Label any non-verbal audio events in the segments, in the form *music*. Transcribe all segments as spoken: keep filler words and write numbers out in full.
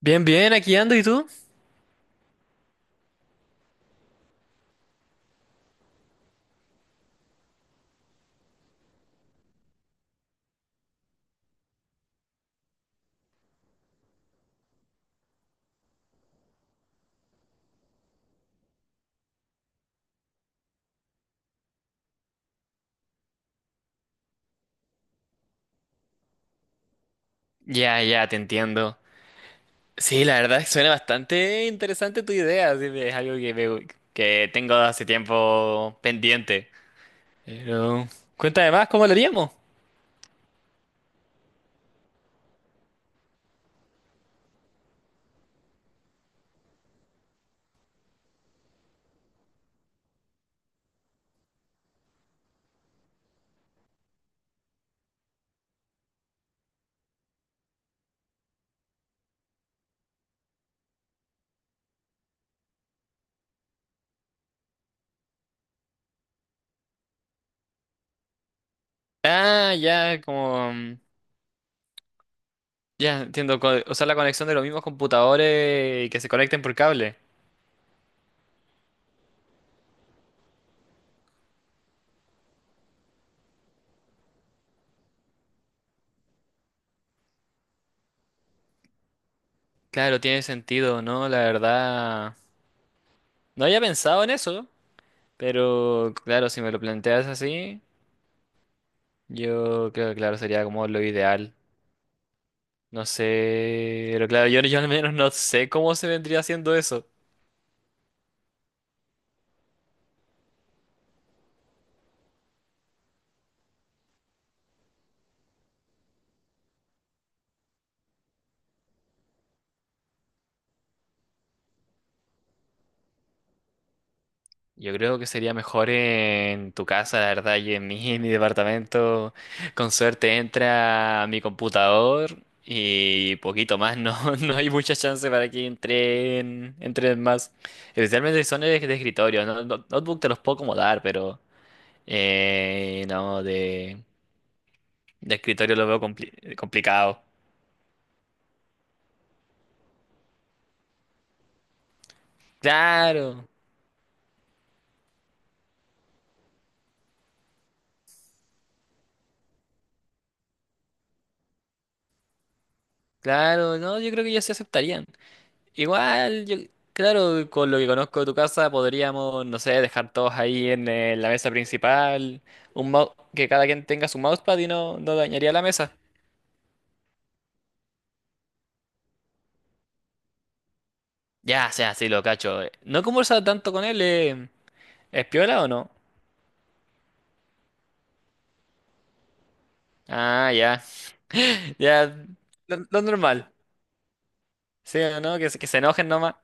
Bien, bien, aquí ando, ¿y tú? Ya, ya, te entiendo. Sí, la verdad es que suena bastante interesante tu idea, así que es algo que, me- que tengo hace tiempo pendiente. Pero, cuéntame más, ¿cómo lo haríamos? Ah, ya. como... mm, Ya, entiendo, co- usar la conexión de los mismos computadores y que se conecten por cable. Claro, tiene sentido, ¿no? La verdad. No había pensado en eso, pero claro, si me lo planteas así, yo creo que claro, sería como lo ideal. No sé, pero claro, yo, yo al menos no sé cómo se vendría haciendo eso. Yo creo que sería mejor en tu casa, la verdad, y en mí, en *laughs* mi departamento. Con suerte entra a mi computador y poquito más, no, *laughs* no hay mucha chance para que entren, entren más. Especialmente si son de, de escritorio, no, no- notebook te los puedo acomodar, pero eh, no, de, de escritorio lo veo compli- complicado. Claro, claro, no, yo creo que ya se aceptarían. Igual, yo, claro, con lo que conozco de tu casa podríamos, no sé, dejar todos ahí en, eh, la mesa principal, un mou- que cada quien tenga su mousepad y no, no dañaría la mesa. Ya, sea, sí, lo cacho. eh. No conversaba tanto con él, eh. ¿Es piola o no? Ah, ya. *laughs* Ya, lo, lo normal. Sí, ¿o no? Que, se- que se enojen nomás.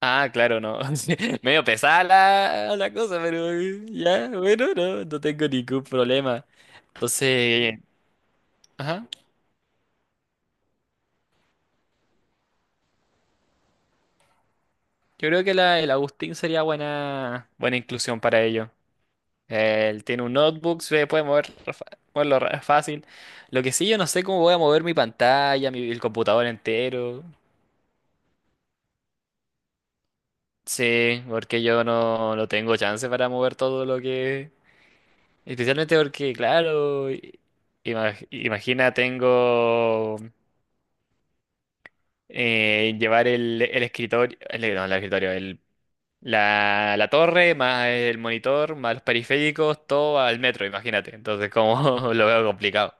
Ah, claro, no. *laughs* Sí, medio pesada la, la cosa, pero eh, ya, bueno, no, no tengo ningún problema. Entonces, ajá. Yo creo que la, el Agustín sería buena, buena inclusión para ello. Él tiene un notebook, se puede mover ra- fa- moverlo ra- fácil. Lo que sí, yo no sé cómo voy a mover mi pantalla, mi, el computador entero. Sí, porque yo no, no tengo chance para mover todo lo que. Especialmente porque, claro, i- ima- imagina, tengo. Eh, llevar el, el escritorio, el, no, el escritorio, el La, la torre, más el monitor, más los periféricos, todo al metro, imagínate. Entonces, como *laughs* lo veo complicado.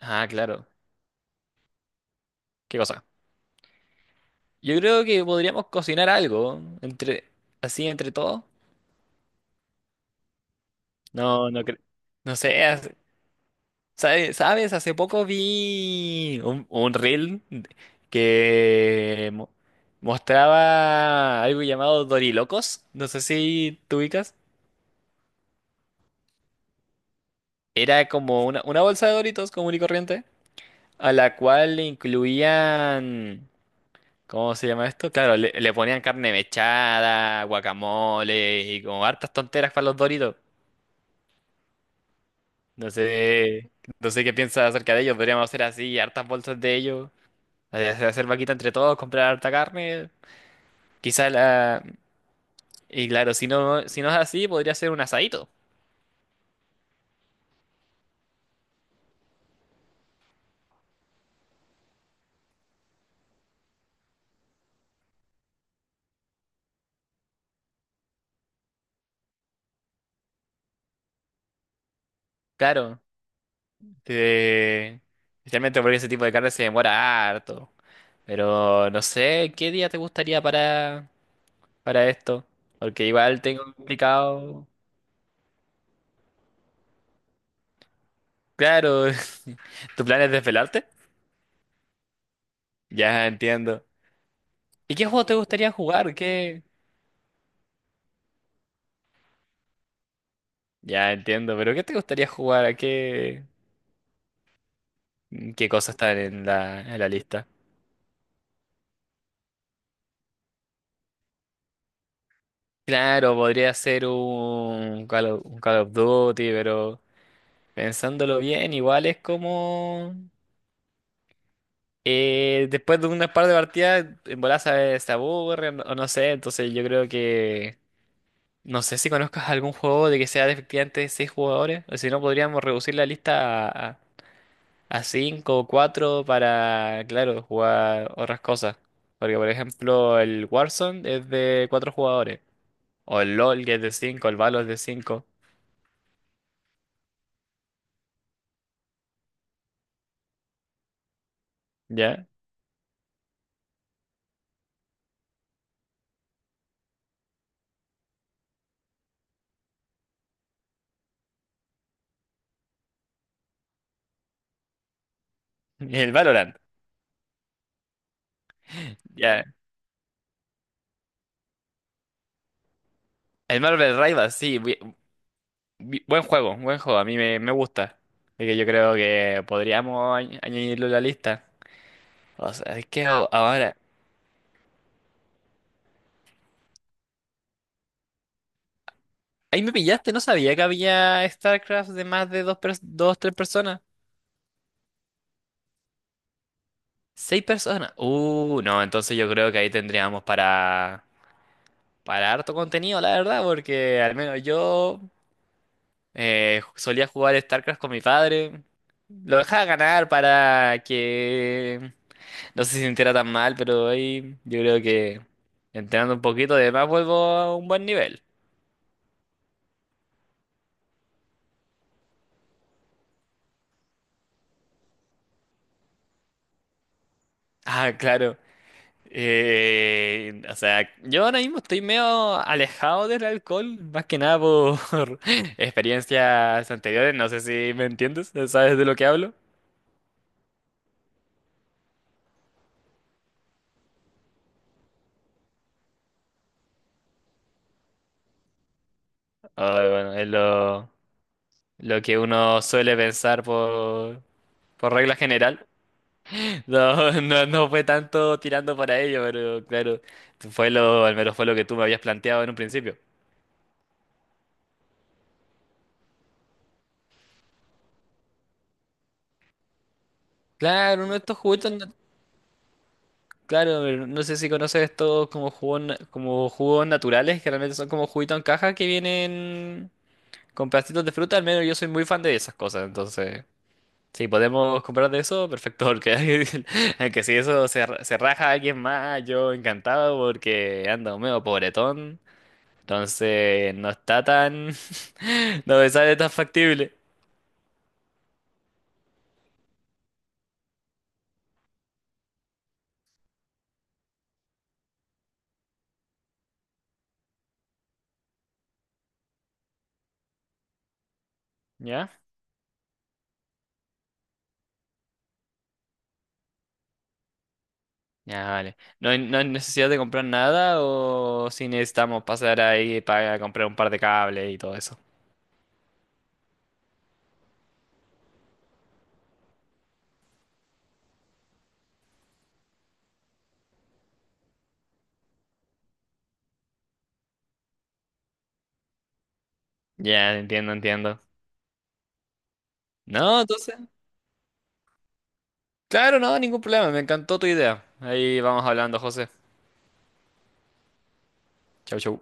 Ah, claro. ¿Qué cosa? Yo creo que podríamos cocinar algo entre así entre todos. No, no creo. No sé, hace- ¿sabes? ¿Sabes? Hace poco vi un, un reel que mo- mostraba algo llamado Dorilocos. No sé si tú ubicas. Era como una, una bolsa de Doritos común y corriente, a la cual le incluían, ¿cómo se llama esto? Claro, le, le ponían carne mechada, guacamole y como hartas tonteras para los Doritos. No sé, no sé qué piensas acerca de ellos, podríamos hacer así, hartas bolsas de ellos, hacer, hacer vaquita entre todos, comprar harta carne, quizás la. Y claro, si no, si no, es así, podría ser un asadito, claro. Eh, especialmente porque ese tipo de carne se demora harto. Pero no sé, ¿qué día te gustaría para... para esto? Porque igual tengo complicado. Claro, *laughs* ¿tu plan es desvelarte? Ya entiendo. ¿Y qué juego te gustaría jugar? ¿Qué? Ya entiendo, pero ¿qué te gustaría jugar? ¿A qué, qué cosas están en la, en la lista? Claro, podría ser un Call of, un Call of Duty, pero pensándolo bien, igual es como, eh, después de unas par de partidas, en bola se, se aburren o no sé, entonces yo creo que. No sé si conozcas algún juego de que sea de efectivamente seis jugadores, o si no, podríamos reducir la lista a a cinco o cuatro para, claro, jugar otras cosas. Porque, por ejemplo, el Warzone es de cuatro jugadores, o el LoL que es de cinco, el Valo es de cinco. ¿Ya? *laughs* Y el Valorant, ¿ya? El Marvel Rivals, sí, bu- bu- buen juego, buen juego, a mí me, me gusta. Así que yo creo que podríamos añ- añadirlo a la lista. O sea, es que a- ahora. Ahí me pillaste, no sabía que había StarCraft de más de dos, pers- dos, tres personas. Seis personas. Uh, no, entonces yo creo que ahí tendríamos para, para harto contenido, la verdad, porque al menos yo eh, solía jugar StarCraft con mi padre. Lo dejaba ganar para que no se sintiera tan mal, pero ahí yo creo que entrenando un poquito, además vuelvo a un buen nivel. Ah, claro. Eh, o sea, yo ahora mismo estoy medio alejado del alcohol, más que nada por *laughs* experiencias anteriores, no sé si me entiendes, ¿sabes de lo que hablo? Ah, bueno, es lo, lo que uno suele pensar por, por regla general. *laughs* No, no, no fue tanto tirando para ello, pero claro, fue lo, al menos fue lo que tú me habías planteado en un principio. Claro, uno de estos juguetes. Claro, no sé si conoces estos como jugos, na- como jugos naturales, que realmente son como juguitos en caja que vienen con pedacitos de fruta, al menos yo soy muy fan de esas cosas, entonces, si podemos comprar de eso, perfecto, porque, *laughs* aunque si eso se, ra- se raja a alguien más, yo encantado porque ando medio pobretón, entonces no está tan, *laughs* no me sale tan factible, ¿ya? Ya, vale. ¿No hay, no hay necesidad de comprar nada o si necesitamos pasar ahí para comprar un par de cables y todo eso? Ya, entiendo, entiendo. No, entonces, claro, no, ningún problema. Me encantó tu idea. Ahí vamos hablando, José. Chau, chau.